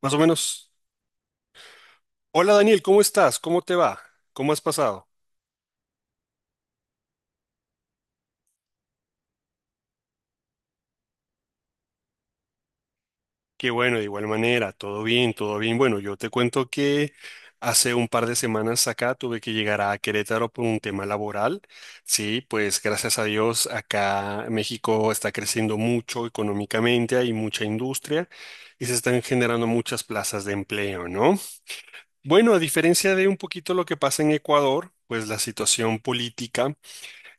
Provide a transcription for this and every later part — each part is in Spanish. Más o menos. Hola Daniel, ¿cómo estás? ¿Cómo te va? ¿Cómo has pasado? Qué bueno, de igual manera, todo bien, todo bien. Bueno, yo te cuento que hace un par de semanas acá tuve que llegar a Querétaro por un tema laboral. Sí, pues gracias a Dios acá México está creciendo mucho económicamente, hay mucha industria y se están generando muchas plazas de empleo, ¿no? Bueno, a diferencia de un poquito lo que pasa en Ecuador, pues la situación política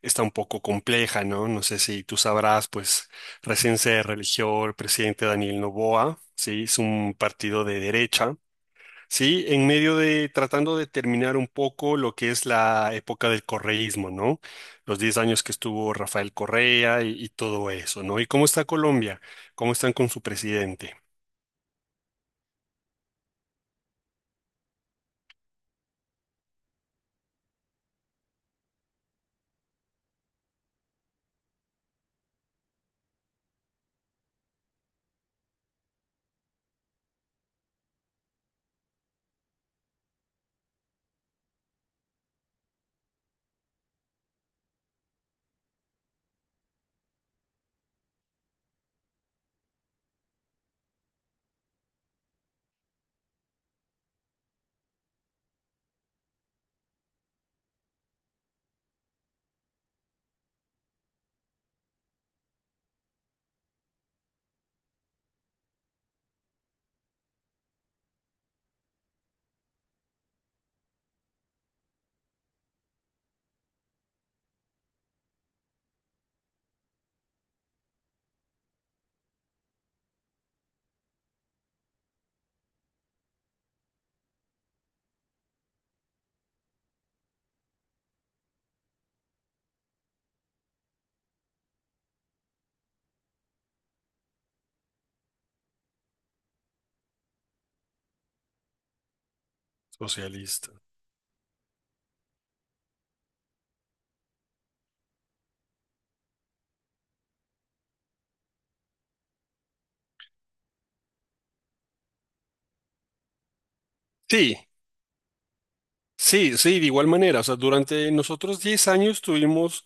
está un poco compleja, ¿no? No sé si tú sabrás, pues recién se religió el presidente Daniel Noboa, ¿sí? Es un partido de derecha, ¿sí? En medio de tratando de terminar un poco lo que es la época del correísmo, ¿no? Los 10 años que estuvo Rafael Correa y todo eso, ¿no? ¿Y cómo está Colombia? ¿Cómo están con su presidente socialista? Sí. Sí, sí, de igual manera. O sea, durante nosotros 10 años tuvimos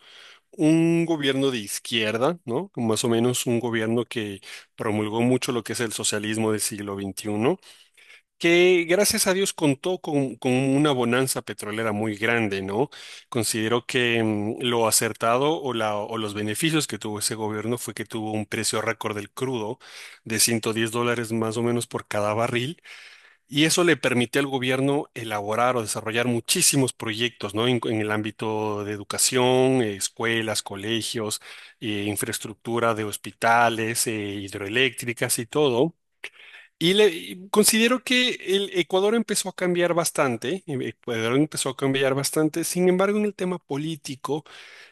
un gobierno de izquierda, ¿no? Más o menos un gobierno que promulgó mucho lo que es el socialismo del siglo XXI, que gracias a Dios contó con una bonanza petrolera muy grande, ¿no? Considero que lo acertado o los beneficios que tuvo ese gobierno fue que tuvo un precio récord del crudo de 110 dólares más o menos por cada barril y eso le permite al gobierno elaborar o desarrollar muchísimos proyectos, ¿no? En el ámbito de educación, escuelas, colegios, infraestructura de hospitales, hidroeléctricas y todo. Y considero que el Ecuador empezó a cambiar bastante, sin embargo, en el tema político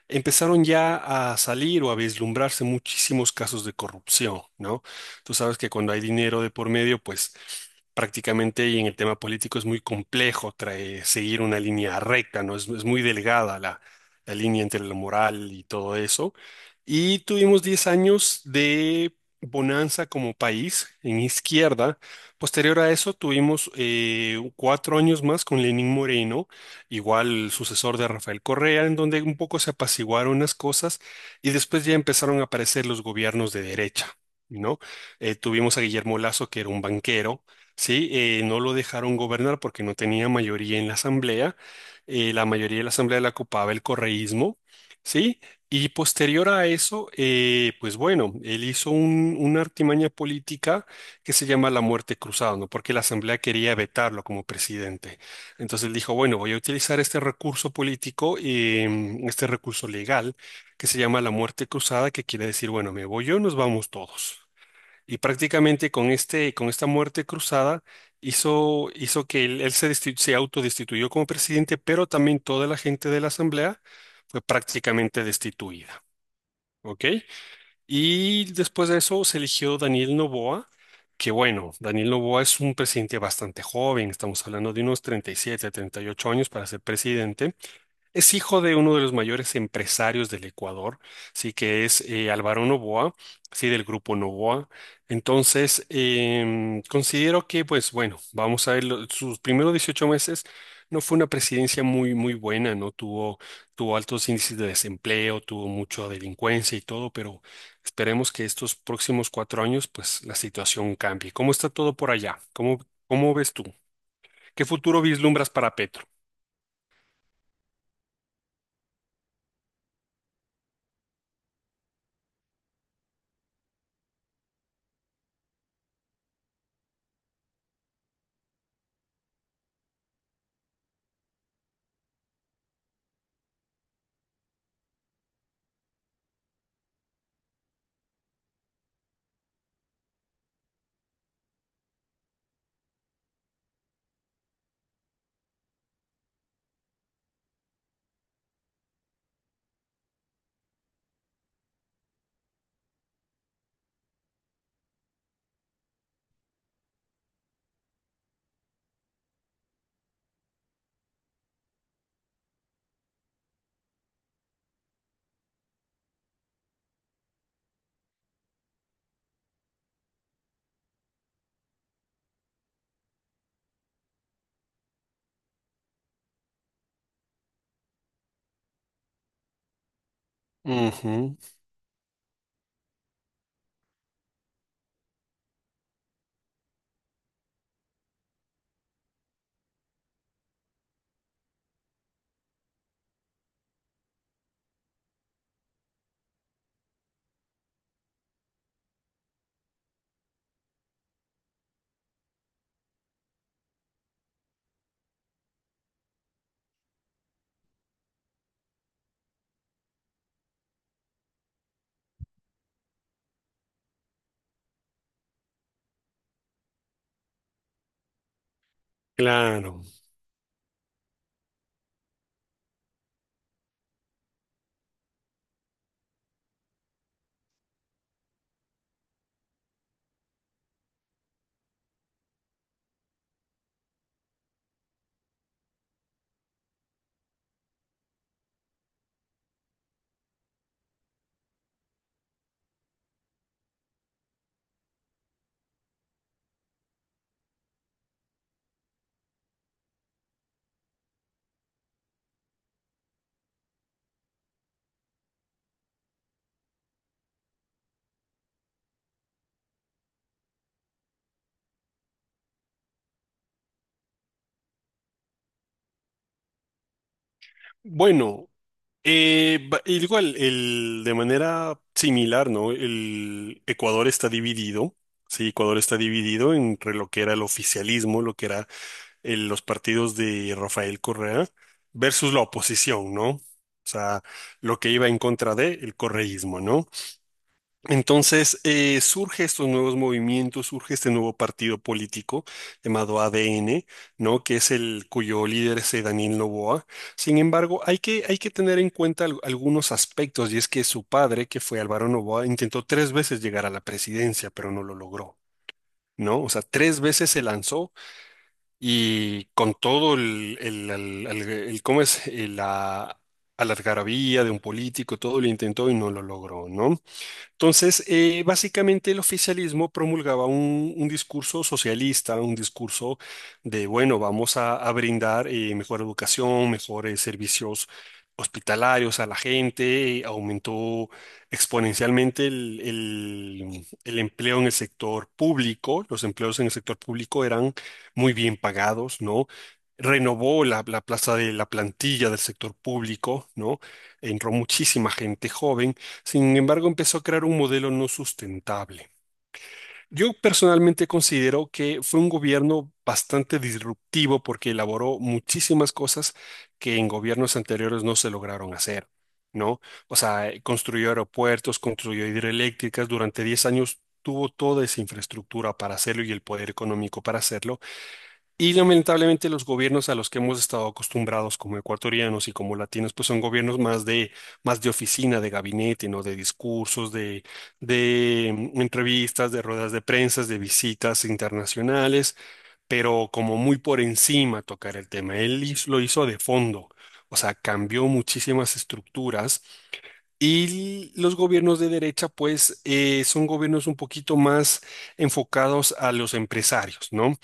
empezaron ya a salir o a vislumbrarse muchísimos casos de corrupción, ¿no? Tú sabes que cuando hay dinero de por medio, pues prácticamente y en el tema político es muy complejo seguir una línea recta, ¿no? Es muy delgada la, la línea entre lo moral y todo eso. Y tuvimos 10 años de bonanza como país en izquierda. Posterior a eso tuvimos 4 años más con Lenín Moreno, igual el sucesor de Rafael Correa, en donde un poco se apaciguaron unas cosas y después ya empezaron a aparecer los gobiernos de derecha, ¿no? Tuvimos a Guillermo Lasso, que era un banquero, ¿sí? No lo dejaron gobernar porque no tenía mayoría en la asamblea, la mayoría de la asamblea la ocupaba el correísmo, ¿sí? Y posterior a eso, pues bueno, él hizo una artimaña política que se llama la muerte cruzada, ¿no? Porque la Asamblea quería vetarlo como presidente. Entonces dijo, bueno, voy a utilizar este recurso político y este recurso legal que se llama la muerte cruzada, que quiere decir, bueno, me voy yo, nos vamos todos. Y prácticamente con esta muerte cruzada hizo que él se autodestituyó como presidente, pero también toda la gente de la asamblea fue prácticamente destituida. ¿Ok? Y después de eso se eligió Daniel Noboa, que bueno, Daniel Noboa es un presidente bastante joven, estamos hablando de unos 37 38 años para ser presidente. Es hijo de uno de los mayores empresarios del Ecuador, sí que es Álvaro Noboa, sí, del grupo Noboa. Entonces, considero que, pues bueno, vamos a ver, sus primeros 18 meses no fue una presidencia muy, muy buena, ¿no? Tuvo altos índices de desempleo, tuvo mucha delincuencia y todo, pero esperemos que estos próximos 4 años, pues la situación cambie. ¿Cómo está todo por allá? ¿Cómo ves tú? ¿Qué futuro vislumbras para Petro? Ujú, claro. Bueno, de manera similar, ¿no? El Ecuador está dividido, sí, Ecuador está dividido entre lo que era el oficialismo, lo que era los partidos de Rafael Correa, versus la oposición, ¿no? O sea, lo que iba en contra de el correísmo, ¿no? Entonces, surge estos nuevos movimientos, surge este nuevo partido político llamado ADN, ¿no? Que es el cuyo líder es Daniel Noboa. Sin embargo, hay que tener en cuenta algunos aspectos, y es que su padre, que fue Álvaro Noboa, intentó tres veces llegar a la presidencia, pero no lo logró. ¿No? O sea, tres veces se lanzó y con todo el ¿cómo es? la algarabía de un político, todo lo intentó y no lo logró, ¿no? Entonces, básicamente el oficialismo promulgaba un discurso socialista, un discurso de, bueno, vamos a brindar mejor educación, mejores servicios hospitalarios a la gente, aumentó exponencialmente el empleo en el sector público, los empleos en el sector público eran muy bien pagados, ¿no? Renovó la plaza de la plantilla del sector público, ¿no? Entró muchísima gente joven, sin embargo, empezó a crear un modelo no sustentable. Yo personalmente considero que fue un gobierno bastante disruptivo porque elaboró muchísimas cosas que en gobiernos anteriores no se lograron hacer, ¿no? O sea, construyó aeropuertos, construyó hidroeléctricas, durante 10 años tuvo toda esa infraestructura para hacerlo y el poder económico para hacerlo, y lamentablemente los gobiernos a los que hemos estado acostumbrados como ecuatorianos y como latinos, pues son gobiernos más de oficina, de gabinete, ¿no? De discursos, de entrevistas, de ruedas de prensa, de visitas internacionales, pero como muy por encima tocar el tema. Él lo hizo de fondo. O sea, cambió muchísimas estructuras y los gobiernos de derecha, pues, son gobiernos un poquito más enfocados a los empresarios, ¿no?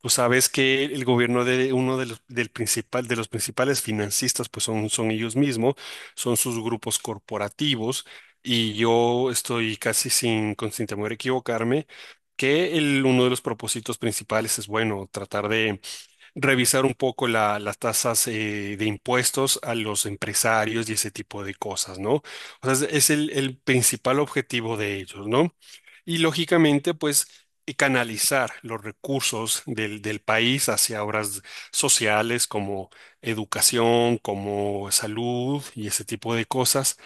Tú sabes que el gobierno de uno de los, del principal, de los principales financistas, pues son, son ellos mismos, son sus grupos corporativos, y yo estoy casi sin temor a equivocarme, que el, uno de los propósitos principales es, bueno, tratar de revisar un poco las tasas de impuestos a los empresarios y ese tipo de cosas, ¿no? O sea, es el principal objetivo de ellos, ¿no? Y lógicamente, pues, canalizar los recursos del país hacia obras sociales como educación, como salud y ese tipo de cosas,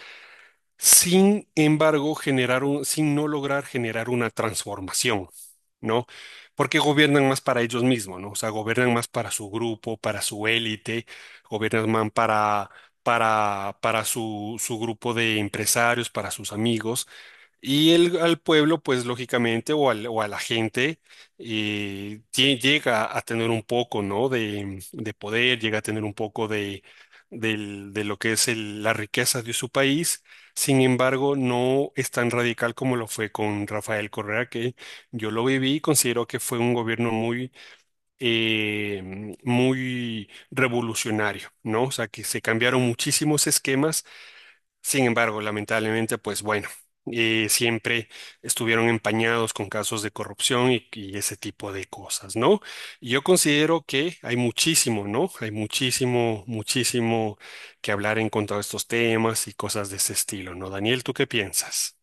sin embargo, sin no lograr generar una transformación, ¿no? Porque gobiernan más para ellos mismos, ¿no? O sea, gobiernan más para su grupo, para su élite, gobiernan más para, su grupo de empresarios, para sus amigos, y el, al pueblo, pues lógicamente, o, o a la gente, llega a tener un poco, ¿no? De poder, llega a tener un poco de, de lo que es la riqueza de su país. Sin embargo, no es tan radical como lo fue con Rafael Correa, que yo lo viví y considero que fue un gobierno muy, muy revolucionario, ¿no? O sea, que se cambiaron muchísimos esquemas, sin embargo, lamentablemente, pues bueno, siempre estuvieron empañados con casos de corrupción y ese tipo de cosas, ¿no? Y yo considero que hay muchísimo, ¿no? Hay muchísimo, muchísimo que hablar en cuanto a estos temas y cosas de ese estilo, ¿no? Daniel, ¿tú qué piensas?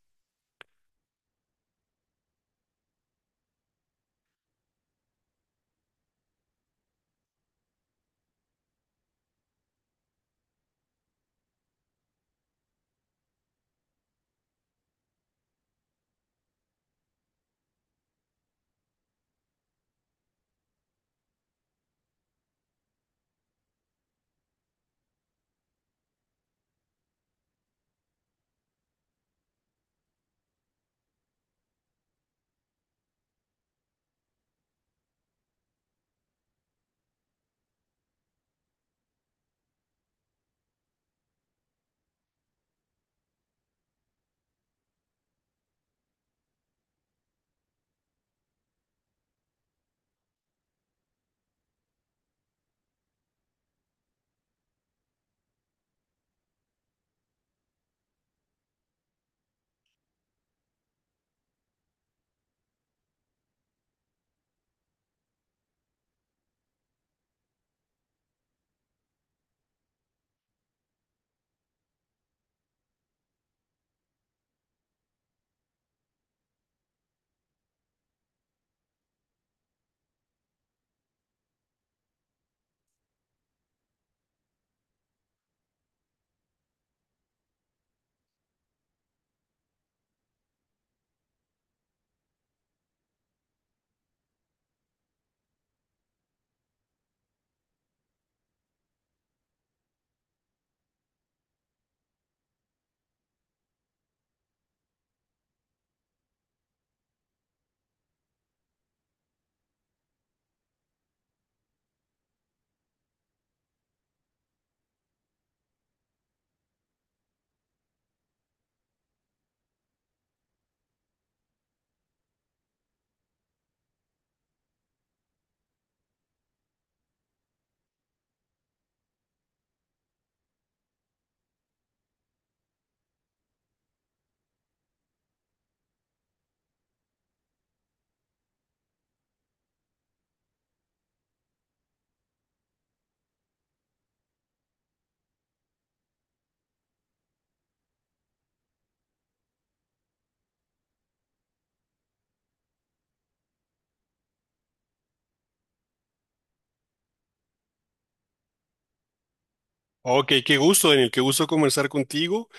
Ok, qué gusto, Daniel, qué gusto conversar contigo.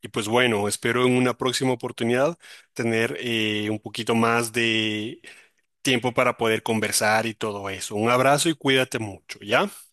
Y pues bueno, espero en una próxima oportunidad tener un poquito más de tiempo para poder conversar y todo eso. Un abrazo y cuídate mucho, ¿ya?